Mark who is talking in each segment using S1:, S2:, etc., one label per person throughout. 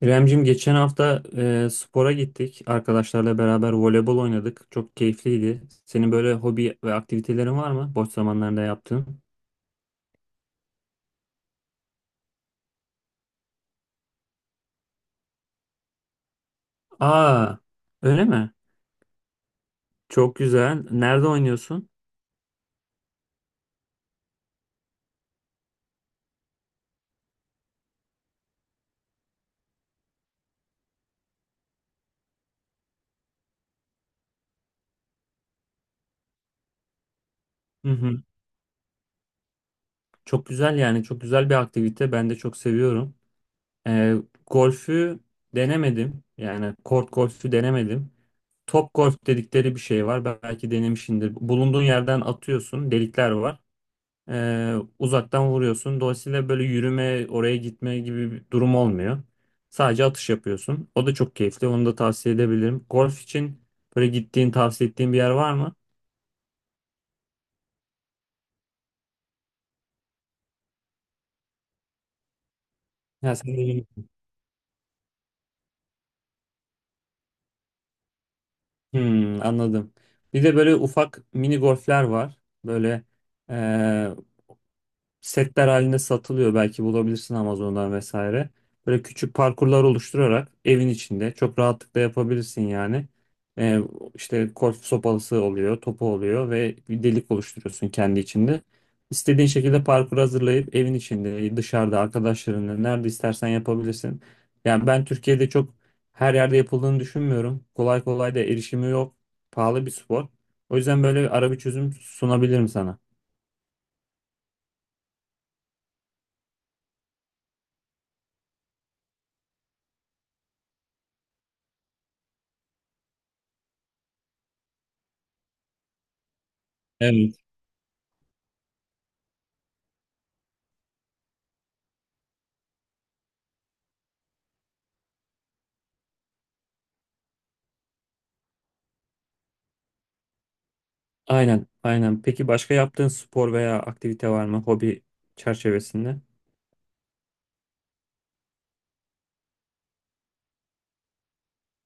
S1: İremcim geçen hafta spora gittik. Arkadaşlarla beraber voleybol oynadık. Çok keyifliydi. Senin böyle hobi ve aktivitelerin var mı? Boş zamanlarında yaptığın. Aa, öyle mi? Çok güzel. Nerede oynuyorsun? Hı hı. Çok güzel yani. Çok güzel bir aktivite. Ben de çok seviyorum. E, Golfü denemedim. Yani kort golfü denemedim. Top golf dedikleri bir şey var. Belki denemişsindir. Bulunduğun yerden atıyorsun. Delikler var. Uzaktan vuruyorsun. Dolayısıyla böyle yürüme, oraya gitme gibi bir durum olmuyor. Sadece atış yapıyorsun. O da çok keyifli. Onu da tavsiye edebilirim. Golf için böyle gittiğin, tavsiye ettiğin bir yer var mı? Ya sen de- Hmm, anladım. Bir de böyle ufak mini golfler var. Böyle setler halinde satılıyor. Belki bulabilirsin Amazon'dan vesaire. Böyle küçük parkurlar oluşturarak evin içinde çok rahatlıkla yapabilirsin yani. Ee, işte golf sopalısı oluyor, topu oluyor ve bir delik oluşturuyorsun kendi içinde. İstediğin şekilde parkur hazırlayıp evin içinde, dışarıda, arkadaşlarınla nerede istersen yapabilirsin. Yani ben Türkiye'de çok her yerde yapıldığını düşünmüyorum. Kolay kolay da erişimi yok. Pahalı bir spor. O yüzden böyle ara bir çözüm sunabilirim sana. Evet. Aynen, aynen. Peki başka yaptığın spor veya aktivite var mı hobi çerçevesinde?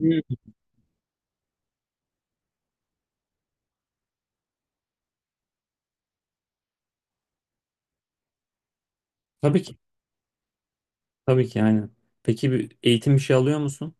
S1: Hmm. Tabii ki, tabii ki aynen. Peki bir eğitim bir şey alıyor musun?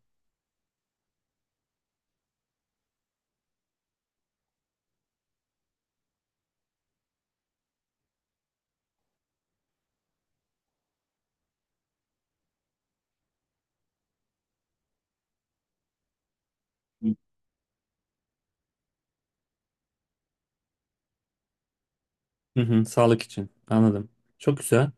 S1: Hı hı, sağlık için. Anladım. Çok güzel.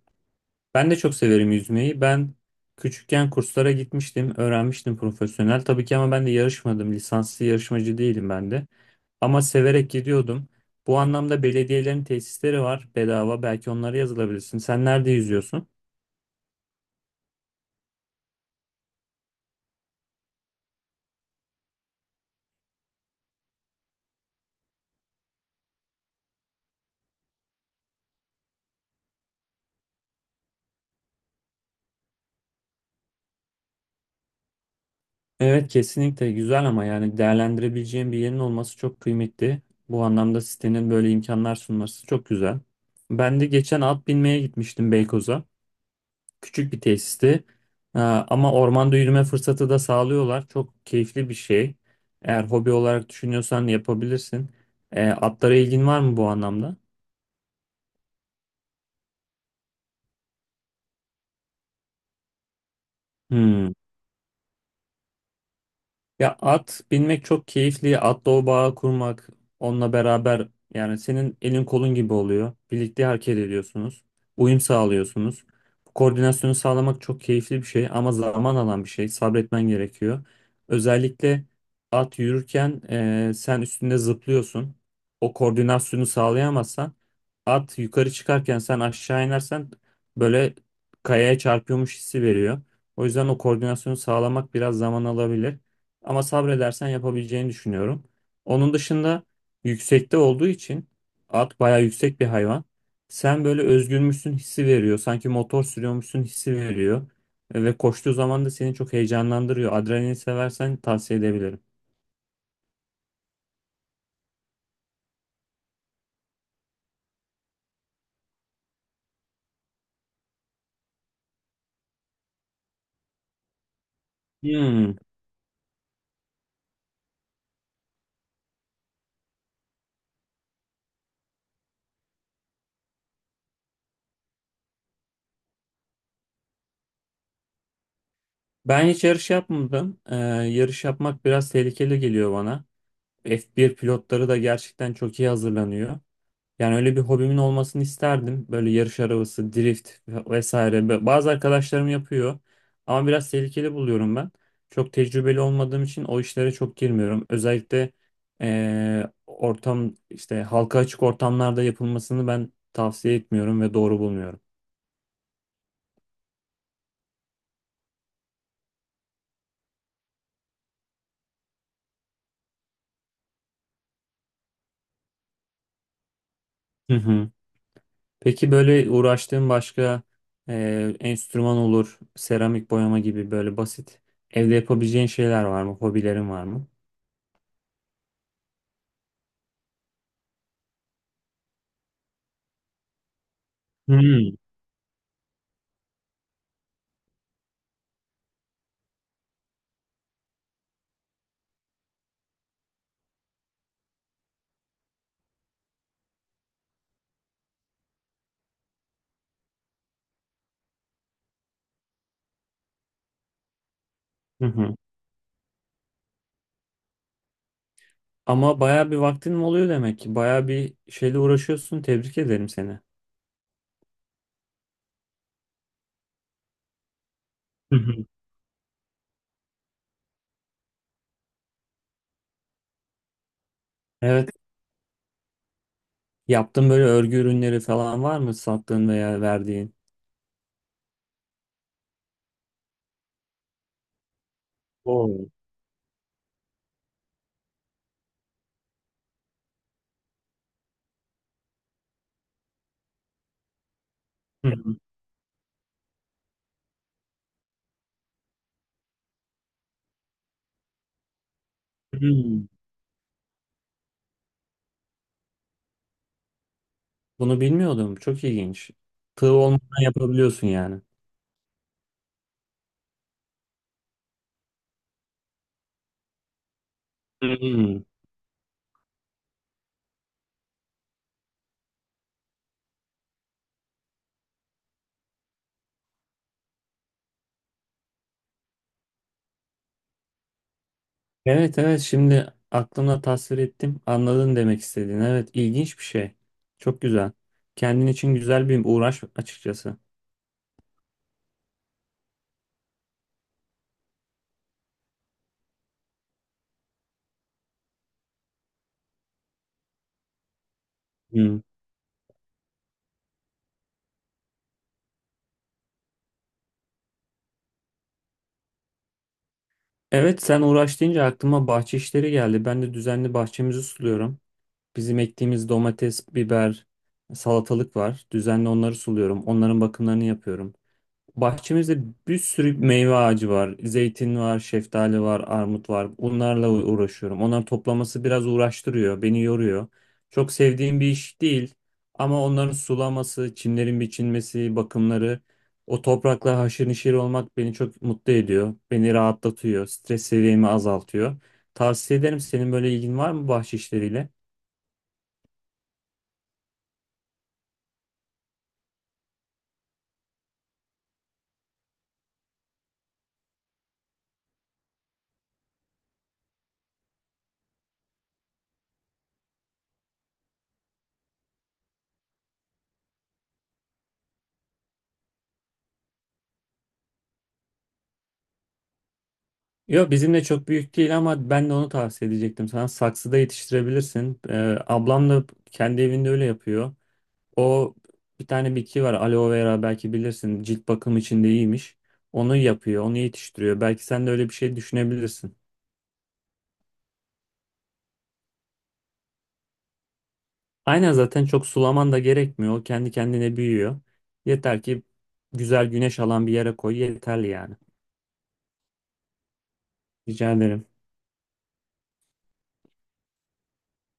S1: Ben de çok severim yüzmeyi. Ben küçükken kurslara gitmiştim, öğrenmiştim profesyonel. Tabii ki ama ben de yarışmadım. Lisanslı yarışmacı değilim ben de. Ama severek gidiyordum. Bu anlamda belediyelerin tesisleri var bedava. Belki onlara yazılabilirsin. Sen nerede yüzüyorsun? Evet kesinlikle güzel ama yani değerlendirebileceğin bir yerin olması çok kıymetli. Bu anlamda sitenin böyle imkanlar sunması çok güzel. Ben de geçen at binmeye gitmiştim Beykoz'a. Küçük bir tesisti. Ama ormanda yürüme fırsatı da sağlıyorlar. Çok keyifli bir şey. Eğer hobi olarak düşünüyorsan yapabilirsin. Atlara ilgin var mı bu anlamda? Hmm. Ya at binmek çok keyifli. Atla o bağı kurmak onunla beraber yani senin elin kolun gibi oluyor. Birlikte hareket ediyorsunuz. Uyum sağlıyorsunuz. Bu koordinasyonu sağlamak çok keyifli bir şey ama zaman alan bir şey. Sabretmen gerekiyor. Özellikle at yürürken sen üstünde zıplıyorsun. O koordinasyonu sağlayamazsan at yukarı çıkarken sen aşağı inersen böyle kayaya çarpıyormuş hissi veriyor. O yüzden o koordinasyonu sağlamak biraz zaman alabilir. Ama sabredersen yapabileceğini düşünüyorum. Onun dışında yüksekte olduğu için at bayağı yüksek bir hayvan. Sen böyle özgürmüşsün hissi veriyor. Sanki motor sürüyormuşsun hissi veriyor. Ve koştuğu zaman da seni çok heyecanlandırıyor. Adrenalin seversen tavsiye edebilirim. Hmm. Ben hiç yarış yapmadım. Yarış yapmak biraz tehlikeli geliyor bana. F1 pilotları da gerçekten çok iyi hazırlanıyor. Yani öyle bir hobimin olmasını isterdim. Böyle yarış arabası, drift vesaire. Bazı arkadaşlarım yapıyor. Ama biraz tehlikeli buluyorum ben. Çok tecrübeli olmadığım için o işlere çok girmiyorum. Özellikle ortam işte halka açık ortamlarda yapılmasını ben tavsiye etmiyorum ve doğru bulmuyorum. Hı hı. Peki böyle uğraştığın başka enstrüman olur, seramik boyama gibi böyle basit evde yapabileceğin şeyler var mı? Hobilerin var mı? Hmm. Hı hı. Ama baya bir vaktin mi oluyor demek ki? Baya bir şeyle uğraşıyorsun. Tebrik ederim seni. Hı hı. Evet. Yaptığın böyle örgü ürünleri falan var mı sattığın veya verdiğin? Oo. Hı. hı. Hmm. Bunu bilmiyordum. Çok ilginç. Tığ olmadan yapabiliyorsun yani. Hmm. Evet evet şimdi aklımda tasvir ettim. Anladın demek istediğin. Evet ilginç bir şey. Çok güzel. Kendin için güzel bir uğraş açıkçası. Hmm. Evet sen uğraş deyince aklıma bahçe işleri geldi. Ben de düzenli bahçemizi suluyorum. Bizim ektiğimiz domates, biber, salatalık var. Düzenli onları suluyorum. Onların bakımlarını yapıyorum. Bahçemizde bir sürü meyve ağacı var. Zeytin var, şeftali var, armut var. Bunlarla uğraşıyorum. Onları toplaması biraz uğraştırıyor, beni yoruyor. Çok sevdiğim bir iş değil. Ama onların sulaması, çimlerin biçilmesi, bakımları, o toprakla haşır neşir olmak beni çok mutlu ediyor. Beni rahatlatıyor, stres seviyemi azaltıyor. Tavsiye ederim. Senin böyle ilgin var mı bahçe işleriyle? Yok bizim de çok büyük değil ama ben de onu tavsiye edecektim sana. Saksıda yetiştirebilirsin. Ablam da kendi evinde öyle yapıyor. O bir tane bitki var aloe vera belki bilirsin. Cilt bakım için de iyiymiş. Onu yapıyor, onu yetiştiriyor. Belki sen de öyle bir şey düşünebilirsin. Aynen zaten çok sulaman da gerekmiyor. O kendi kendine büyüyor. Yeter ki güzel güneş alan bir yere koy yeterli yani. Rica ederim.